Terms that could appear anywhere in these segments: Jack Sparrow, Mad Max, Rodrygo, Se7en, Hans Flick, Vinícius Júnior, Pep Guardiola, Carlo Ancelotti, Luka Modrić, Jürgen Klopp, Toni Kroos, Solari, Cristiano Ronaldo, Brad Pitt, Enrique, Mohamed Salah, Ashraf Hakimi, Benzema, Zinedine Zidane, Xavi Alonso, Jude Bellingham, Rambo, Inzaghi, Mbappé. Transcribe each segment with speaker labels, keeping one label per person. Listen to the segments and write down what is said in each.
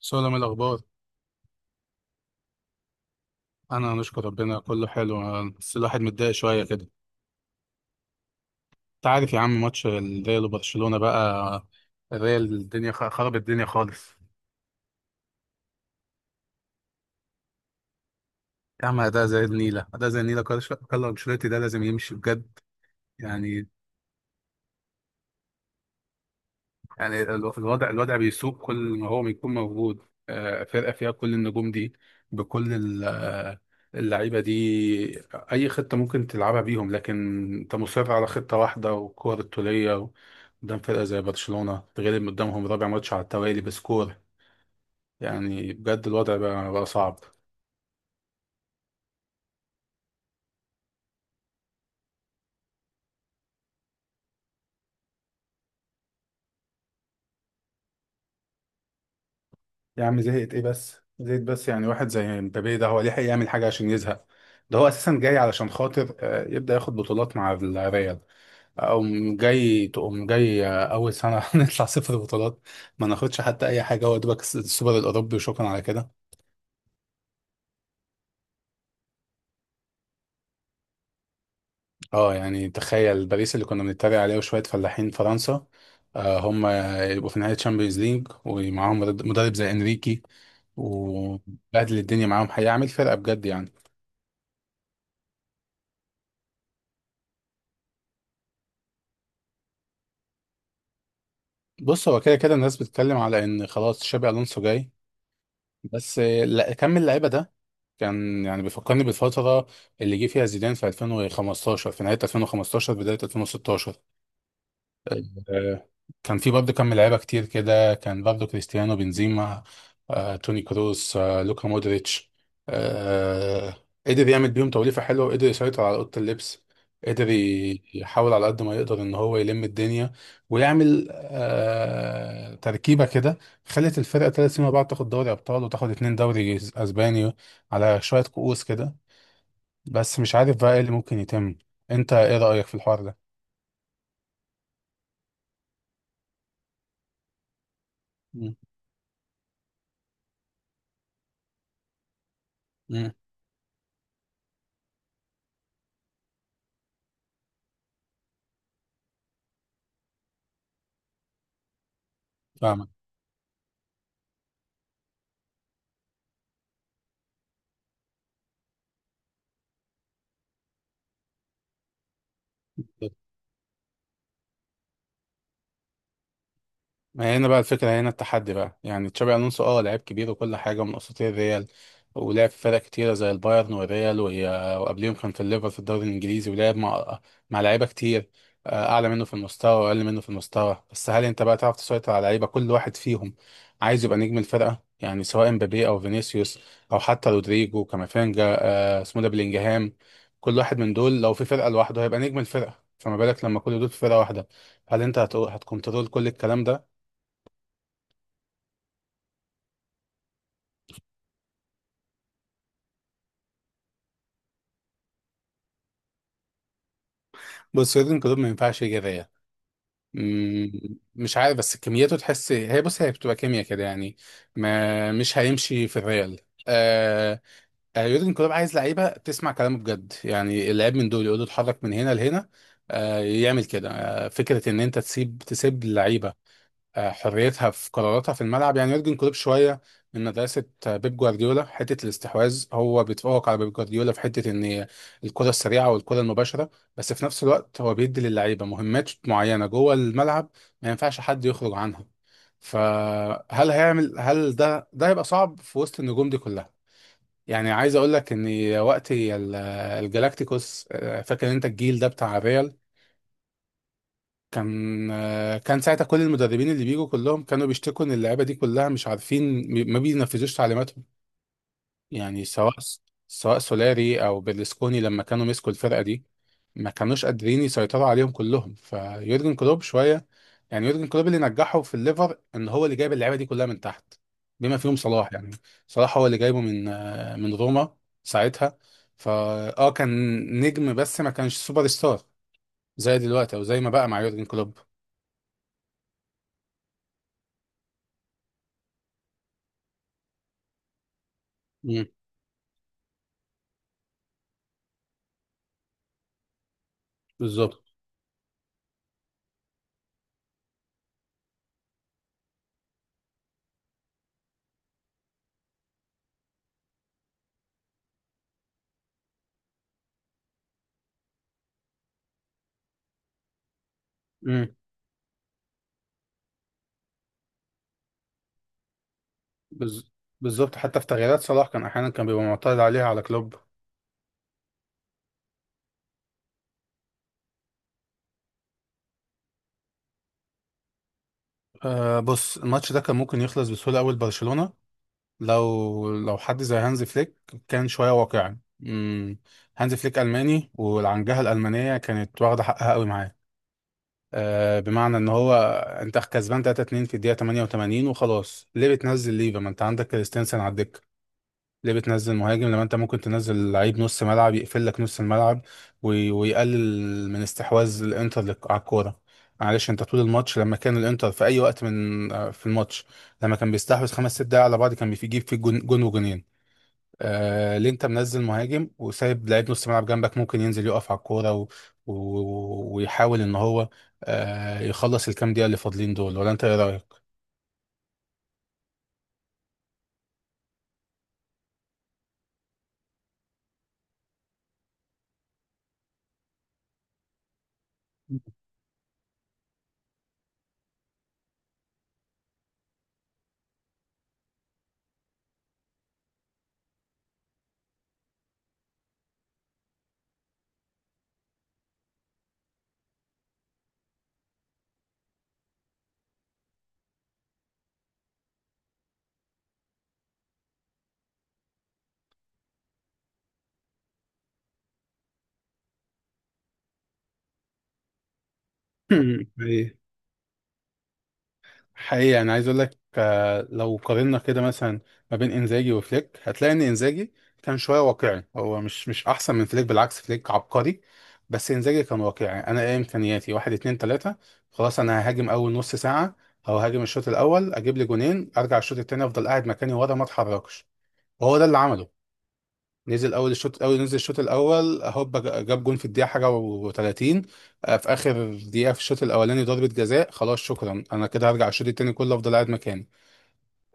Speaker 1: سلام الأخبار. أنا نشكر ربنا كله حلو، بس الواحد متضايق شوية كده. أنت عارف يا عم ماتش الريال وبرشلونة بقى؟ الريال الدنيا خرب الدنيا خالص. يا عم أداء زي النيلة، أداء زي النيلة. كارلو أنشيلوتي ده لازم يمشي بجد يعني يعني الوضع بيسوق. كل ما هو بيكون موجود فرقة فيها كل النجوم دي، بكل اللعيبة دي، أي خطة ممكن تلعبها بيهم. لكن أنت مصر على خطة واحدة والكور الطولية قدام فرقة زي برشلونة، تغلب قدامهم رابع ماتش على التوالي بسكور. يعني بجد الوضع بقى صعب. يا عم زهقت إيه؟ بس زهقت بس، يعني واحد زي مبابي ده هو ليه حق يعمل حاجة عشان يزهق؟ ده هو أساسا جاي علشان خاطر يبدأ ياخد بطولات مع الريال. أقوم جاي تقوم جاي أول سنة نطلع صفر بطولات، ما ناخدش حتى أي حاجة. هو دوبك السوبر الأوروبي وشكرا على كده. أه يعني تخيل باريس اللي كنا بنتريق عليه، وشوية فلاحين فرنسا آه، هم يبقوا في نهاية تشامبيونز ليج ومعاهم مدرب زي إنريكي وبهدل الدنيا معاهم، هيعمل فرقة بجد يعني. بص هو كده كده الناس بتتكلم على إن خلاص شابي ألونسو جاي. بس لا، كم اللعيبة ده كان يعني بيفكرني بالفترة اللي جه فيها زيدان في 2015، في نهاية 2015 بداية 2016. آه، كان في برضه كم لعيبة كتير كده، كان برضه كريستيانو، بنزيما، توني كروس، لوكا مودريتش آه، قدر يعمل بيهم توليفة حلوة، وقدر يسيطر على أوضة اللبس. قدر يحاول على قد ما يقدر إن هو يلم الدنيا ويعمل تركيبة كده خلت الفرقة ثلاث سنين مع بعض تاخد دوري أبطال وتاخد اتنين دوري أسباني على شوية كؤوس كده. بس مش عارف بقى ايه اللي ممكن يتم. انت ايه رأيك في الحوار ده؟ مم. مم. فاهمك. ما هنا بقى الفكرة، هنا التحدي بقى. يعني تشابي ألونسو اه لعيب كبير وكل حاجة، من أساطير الريال، ولعب في فرق كتيرة زي البايرن والريال وقبليهم كان في الليفر في الدوري الإنجليزي، ولعب مع مع لعيبة كتير أعلى منه في المستوى وأقل منه في المستوى. بس هل أنت بقى تعرف تسيطر على لعيبة كل واحد فيهم عايز يبقى نجم الفرقة، يعني سواء مبابي أو فينيسيوس أو حتى رودريجو، كامافينجا اسمه ده بلينجهام؟ كل واحد من دول لو في فرقة لوحده هيبقى نجم الفرقة، فما بالك لما كل دول في فرقة واحدة؟ هل أنت هتكنترول كل الكلام ده؟ بص سويدن كلوب ما ينفعش جرايه. مم، مش عارف، بس كميته تحس هي، بص هي بتبقى كيمياء كده يعني. ما مش هيمشي في الريال آه. يورجن كلوب عايز لعيبه تسمع كلامه بجد، يعني اللعيب من دول يقول له اتحرك من هنا لهنا آه يعمل كده. آه فكره ان انت تسيب اللعيبه حريتها في قراراتها في الملعب، يعني يورجن كلوب شويه من مدرسه بيب جوارديولا، حته الاستحواذ. هو بيتفوق على بيب جوارديولا في حته ان الكره السريعه والكره المباشره، بس في نفس الوقت هو بيدي للعيبه مهمات معينه جوه الملعب ما ينفعش حد يخرج عنها. فهل هيعمل؟ هل ده هيبقى صعب في وسط النجوم دي كلها؟ يعني عايز اقول لك ان وقت الجالاكتيكوس فاكر انت الجيل ده بتاع الريال؟ كان كان ساعتها كل المدربين اللي بيجوا كلهم كانوا بيشتكوا ان اللعيبه دي كلها مش عارفين ما بينفذوش تعليماتهم، يعني سواء سولاري او بيرلسكوني لما كانوا مسكوا الفرقه دي ما كانوش قادرين يسيطروا عليهم كلهم. فيورجن كلوب شويه يعني، يورجن كلوب اللي نجحه في الليفر ان هو اللي جايب اللعيبه دي كلها من تحت، بما فيهم صلاح. يعني صلاح هو اللي جايبه من روما ساعتها. فا اه كان نجم، بس ما كانش سوبر ستار زي دلوقتي او زي ما بقى مع يورجن كلوب. بالظبط. امم بز... بالظبط، حتى في تغييرات صلاح كان احيانا كان بيبقى معترض عليها على كلوب. آه بص الماتش ده كان ممكن يخلص بسهوله قوي لبرشلونه، لو حد زي هانز فليك كان شويه واقعي. هانز فليك الماني، والعنجهه الالمانيه كانت واخده حقها قوي معاه. آه، بمعنى ان هو انت كسبان 3-2 في الدقيقه 88 وخلاص، ليه بتنزل ليفا ما انت عندك كريستنسن على الدكه؟ ليه بتنزل مهاجم لما انت ممكن تنزل لعيب نص ملعب يقفل لك نص الملعب ويقلل من استحواذ الانتر على الكوره؟ معلش، انت طول الماتش لما كان الانتر في اي وقت من في الماتش، لما كان بيستحوذ خمس ست دقايق على بعض كان بيجيب فيه جون، جون وجونين. آه ليه انت منزل مهاجم وسايب لعيب نص ملعب جنبك ممكن ينزل يقف على الكوره ويحاول ان هو يخلص الكام دقيقه اللي فاضلين دول؟ ولا انت ايه رايك؟ ايه حقيقي انا عايز اقول لك لو قارنا كده مثلا ما بين انزاجي وفليك هتلاقي ان انزاجي كان شويه واقعي. هو مش احسن من فليك، بالعكس فليك عبقري، بس انزاجي كان واقعي. انا ايه امكانياتي؟ واحد اتنين تلاته، خلاص انا ههاجم اول نص ساعه او هاجم الشوط الاول، اجيب لي جونين ارجع الشوط التاني افضل قاعد مكاني ورا ما اتحركش. وهو ده اللي عمله، نزل اول الشوط، اول نزل الشوط الاول هوبا، جاب جون في الدقيقه حاجه و30، في اخر دقيقه في الشوط الاولاني ضربه جزاء. خلاص شكرا، انا كده هرجع الشوط التاني كله افضل قاعد مكاني.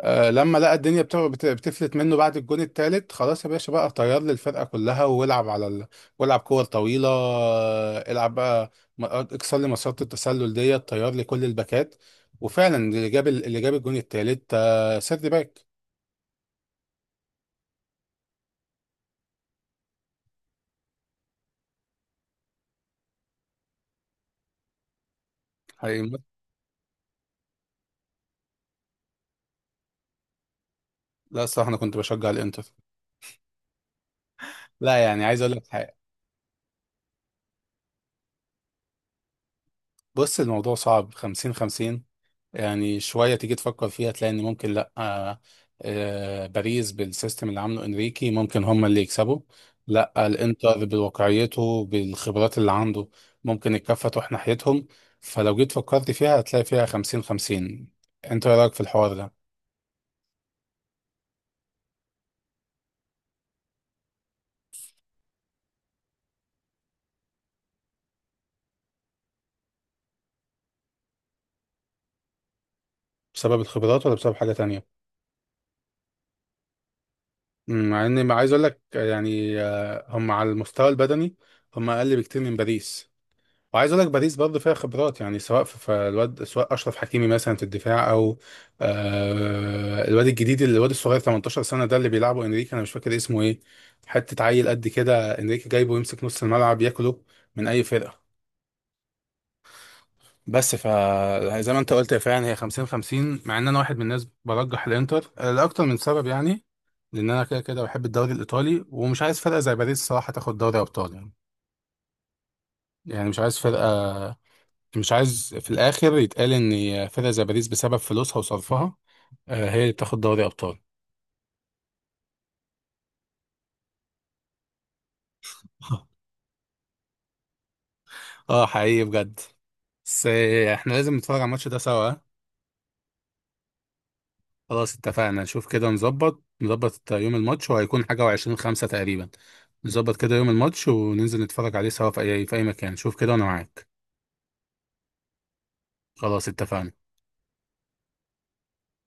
Speaker 1: آه لما لقى الدنيا بتفلت منه بعد الجون التالت، خلاص يا باشا بقى طير لي الفرقه كلها والعب على والعب كور طويله العب بقى، اكسر لي مسارات التسلل ديت، طير لي كل الباكات. وفعلا اللي جاب اللي جاب الجون التالت آه سيرد باك. حقيقي. لا الصراحه انا كنت بشجع الانتر، لا يعني عايز اقول لك. بص الموضوع صعب، خمسين خمسين. يعني شوية تيجي تفكر فيها تلاقي ان ممكن لا آه، آه باريس بالسيستم اللي عامله انريكي ممكن هم اللي يكسبوا. لا الانتر بواقعيته بالخبرات اللي عنده ممكن الكفة تروح ناحيتهم. فلو جيت فكرت فيها هتلاقي فيها خمسين خمسين. انت ايه رأيك في الحوار ده؟ بسبب الخبرات ولا بسبب حاجة تانية؟ مع اني ما عايز اقول لك، يعني آه هم على المستوى البدني هم اقل بكتير من باريس. وعايز اقول لك باريس برضه فيها خبرات، يعني سواء في الواد، سواء اشرف حكيمي مثلا في الدفاع، او آه الواد الجديد الواد الصغير 18 سنه ده اللي بيلعبه انريكي انا مش فاكر اسمه ايه. حته عيل قد كده انريكي جايبه يمسك نص الملعب، ياكله من اي فرقه. بس ف زي ما انت قلت، يا فعلا هي 50 50. مع ان انا واحد من الناس برجح الانتر لاكتر من سبب. يعني لان انا كده كده بحب الدوري الايطالي، ومش عايز فرقه زي باريس صراحه تاخد دوري ابطال يعني. يعني مش عايز فرقه، مش عايز في الاخر يتقال ان فرقة زي باريس بسبب فلوسها وصرفها هي اللي بتاخد دوري ابطال. اه حقيقي بجد. بس احنا لازم نتفرج على الماتش ده سوا آه. خلاص اتفقنا، نشوف كده، نظبط يوم الماتش، وهيكون حاجة و25/5 تقريبا. نظبط كده يوم الماتش، وننزل نتفرج عليه سوا في اي مكان، شوف كده وانا معاك. خلاص اتفقنا.